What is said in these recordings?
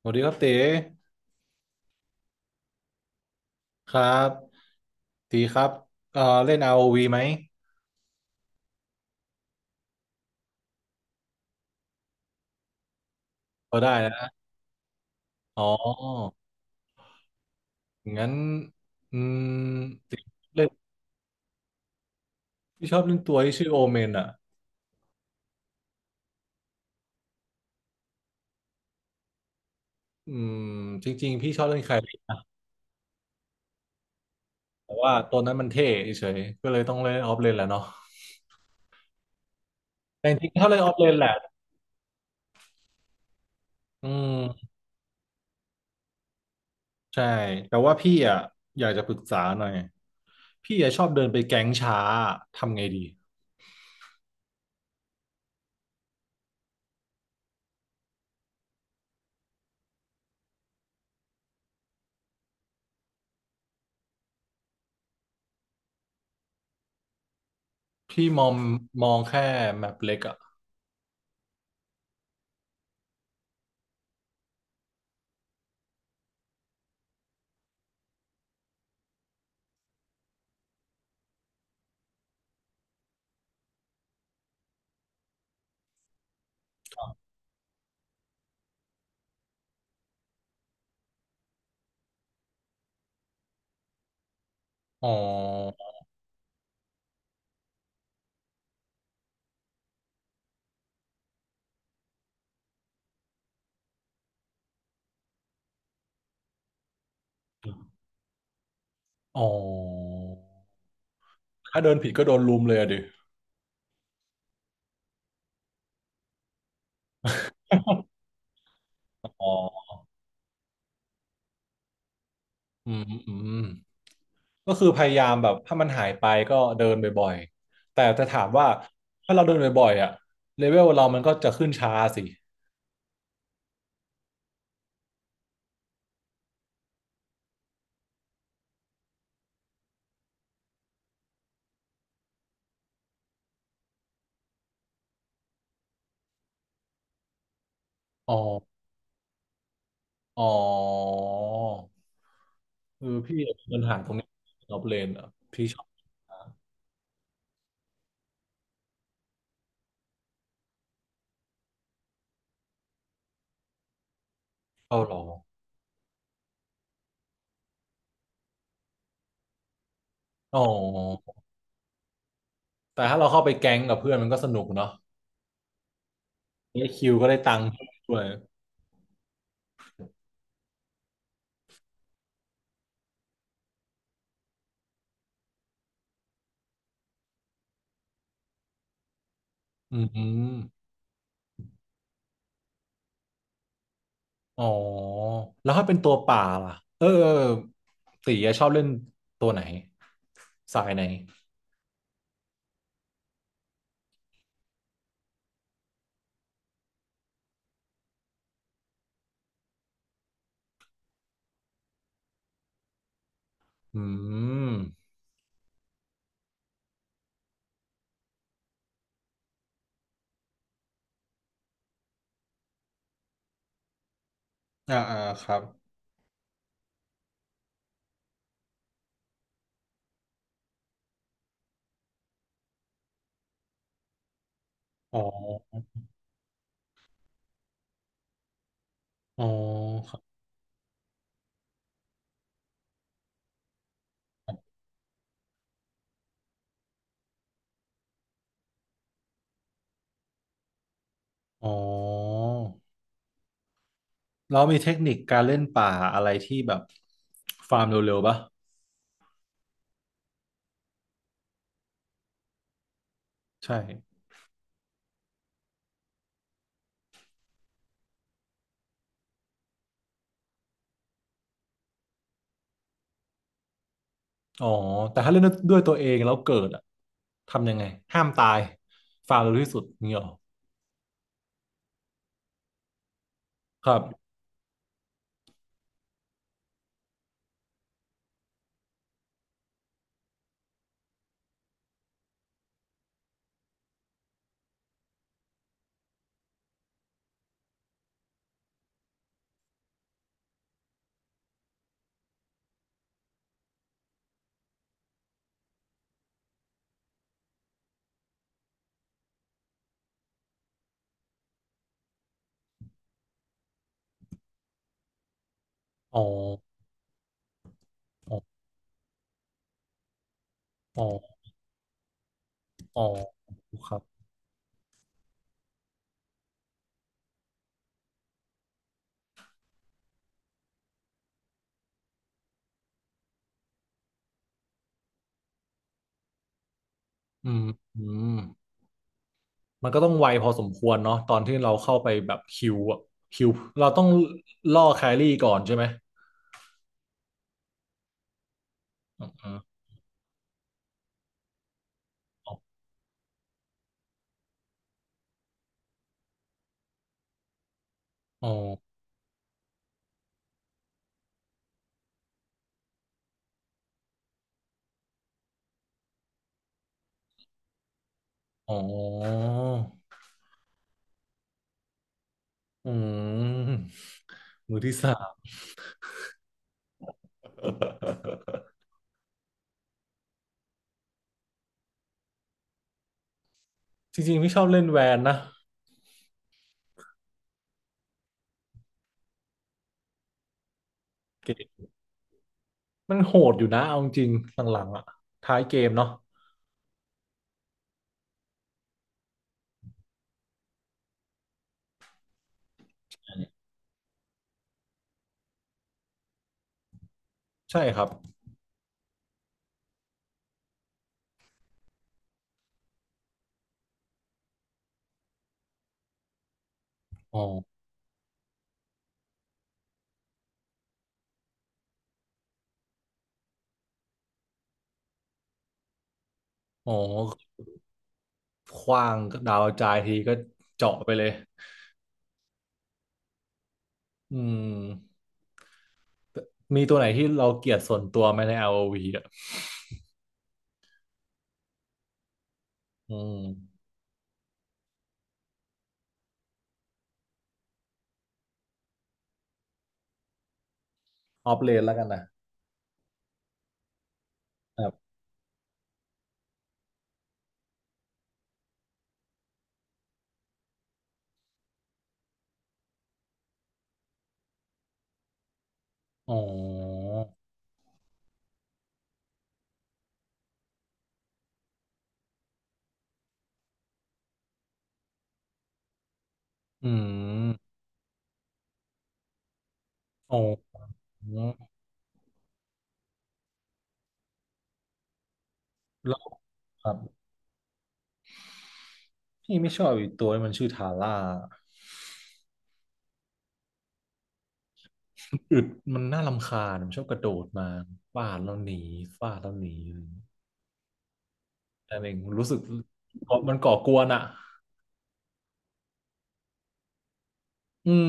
สวัสดีครับเต๋ครับตีครับเล่น ROV ไหมพอได้นะอ๋องั้นอืมตีเล่นพี่ชอบเล่นตัวที่ชื่อโอเมนอ่ะอืมจริงๆพี่ชอบเล่นใคลรนะแต่ว่าตัวนั้นมันเท่เฉยก็เลยต้องเล่นออฟเลนแหละเนาะแต่จริงๆถ้าเล่นออฟเลนแหละอืมใช่แต่ว่าพี่อ่ะอยากจะปรึกษาหน่อยพี่อ่ะชอบเดินไปแก๊งช้าทำไงดีพี่มองมองแค่แมปเล็กอ่ะอ๋ออ๋อ ถ้าเดินผิดก็โดนลุมเลยอะดิอ๋ออืมก็คือพยายามแบบถ้ามันหายไปก็เดินบ่อยๆ แต่จะถามว่าถ้าเราเดินบ่อยๆอะเลเวลเรามันก็จะขึ้นช้าสิอ๋ออ๋อคือพี่มีปัญหาตรงนี้นอบเลนอ่ะพี่ชอบเข้ารออ๋อแต่ถ้าเราเข้าไปแก๊งกับเพื่อนมันก็สนุกเนาะได้คิวก็ได้ตังค์ด้วยอืม อ๋อแล้วถ้าเป็นตัวป่าล่ะเออเออตีอะชอบเล่นตัวไหนสายไหนอืมอ่าอ่าครับอ๋ออ๋อครับอ๋อเรามีเทคนิคการเล่นป่าอะไรที่แบบฟาร์มเร็วๆป่ะใช่อ๋อแต่ถ้าเล่นด้วยตัวเองแล้วเกิดอะทำยังไงห้ามตายฟาร์มเร็วที่สุดนี่หรอครับอ๋ออ๋ออ๋ออ๋อครับอืมอืม มันก็ต้องไวพอสมควรเนาะตอนที่เราเข้าไปแบบคิวอะคิวเราต้องล่อแครี่ก่อนใช่ไหมอ๋ออ๋ออ๋ออืมมือที่สามจริงๆพี่ชอบเล่นแวนนะเกมมันโหดอยู่นะเอาจริงๆหลังๆอ่ะท้ายเกมเนาะใช่ครับอ๋ออ๋อขว้างดาวกระจายทีก็เจาะไปเลยอืมมีตัวไหนที่เราเกลียดส่วนตัวไหมในอ o v อวีอ่ะอืมออฟเลนแล้วกันนะ อ๋ออืมอ๋อแล้วครับพี่ไม่ชอบอีกตัวมันชื่อทาร่าอึดมันน่ารำคาญมันชอบกระโดดมาฟาดแล้วหนีฟาดแล้วหนีอะไรอย่างเงี้ยแต่หนึ่งรู้สึกก่อมันก่อกวนอะอืม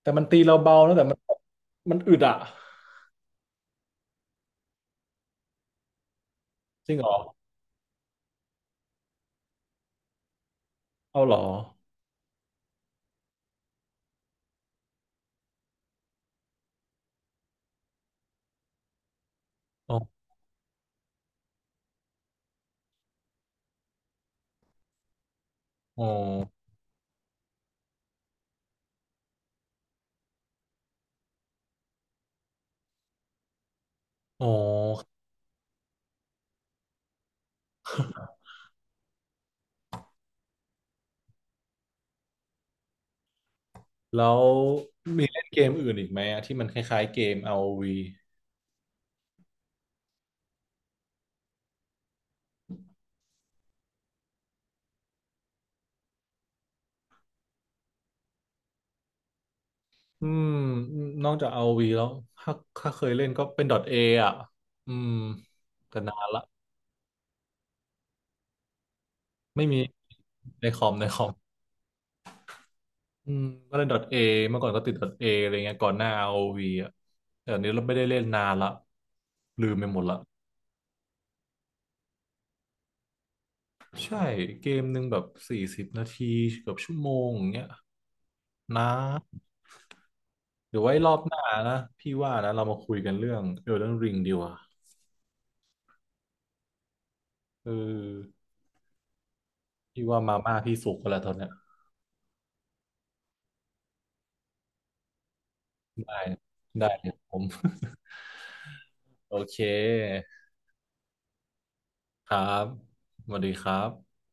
แต่มันตีเราเบาแล้วแต่มันมันอึดอะจริงเหรอเอาเหรออ๋ออ๋ออ๋อแล้วมีเล่นเกมอื่นอีกไหมอะที่มันคล้ายๆเกม r วี อืมนอกจากอาร์โอวีแล้วถ้าถ้าเคยเล่นก็เป็น .A อ่ะอืมแต่นานละไม่มีในคอมในคอมอืมก็เล่น .A เมื่อก่อนก็ติด .A อะไรเงี้ยก่อนหน้า r o ีอ่ะแต่อันนี้เราไม่ได้เล่นนานละลืมไปหมดละใช่เกมหนึ่งแบบ40 นาทีเกือบชั่วโมงอย่างเงี้ยนะเดี๋ยวไว้รอบหน้านะพี่ว่านะเรามาคุยกันเรื่อง Elden Ring ดีกว่าเออพี่ว่ามาม่าพี่สุกกันแล้วตอนเนี้ยได้ได้เลยผม โอเคครับสวัสดีครับ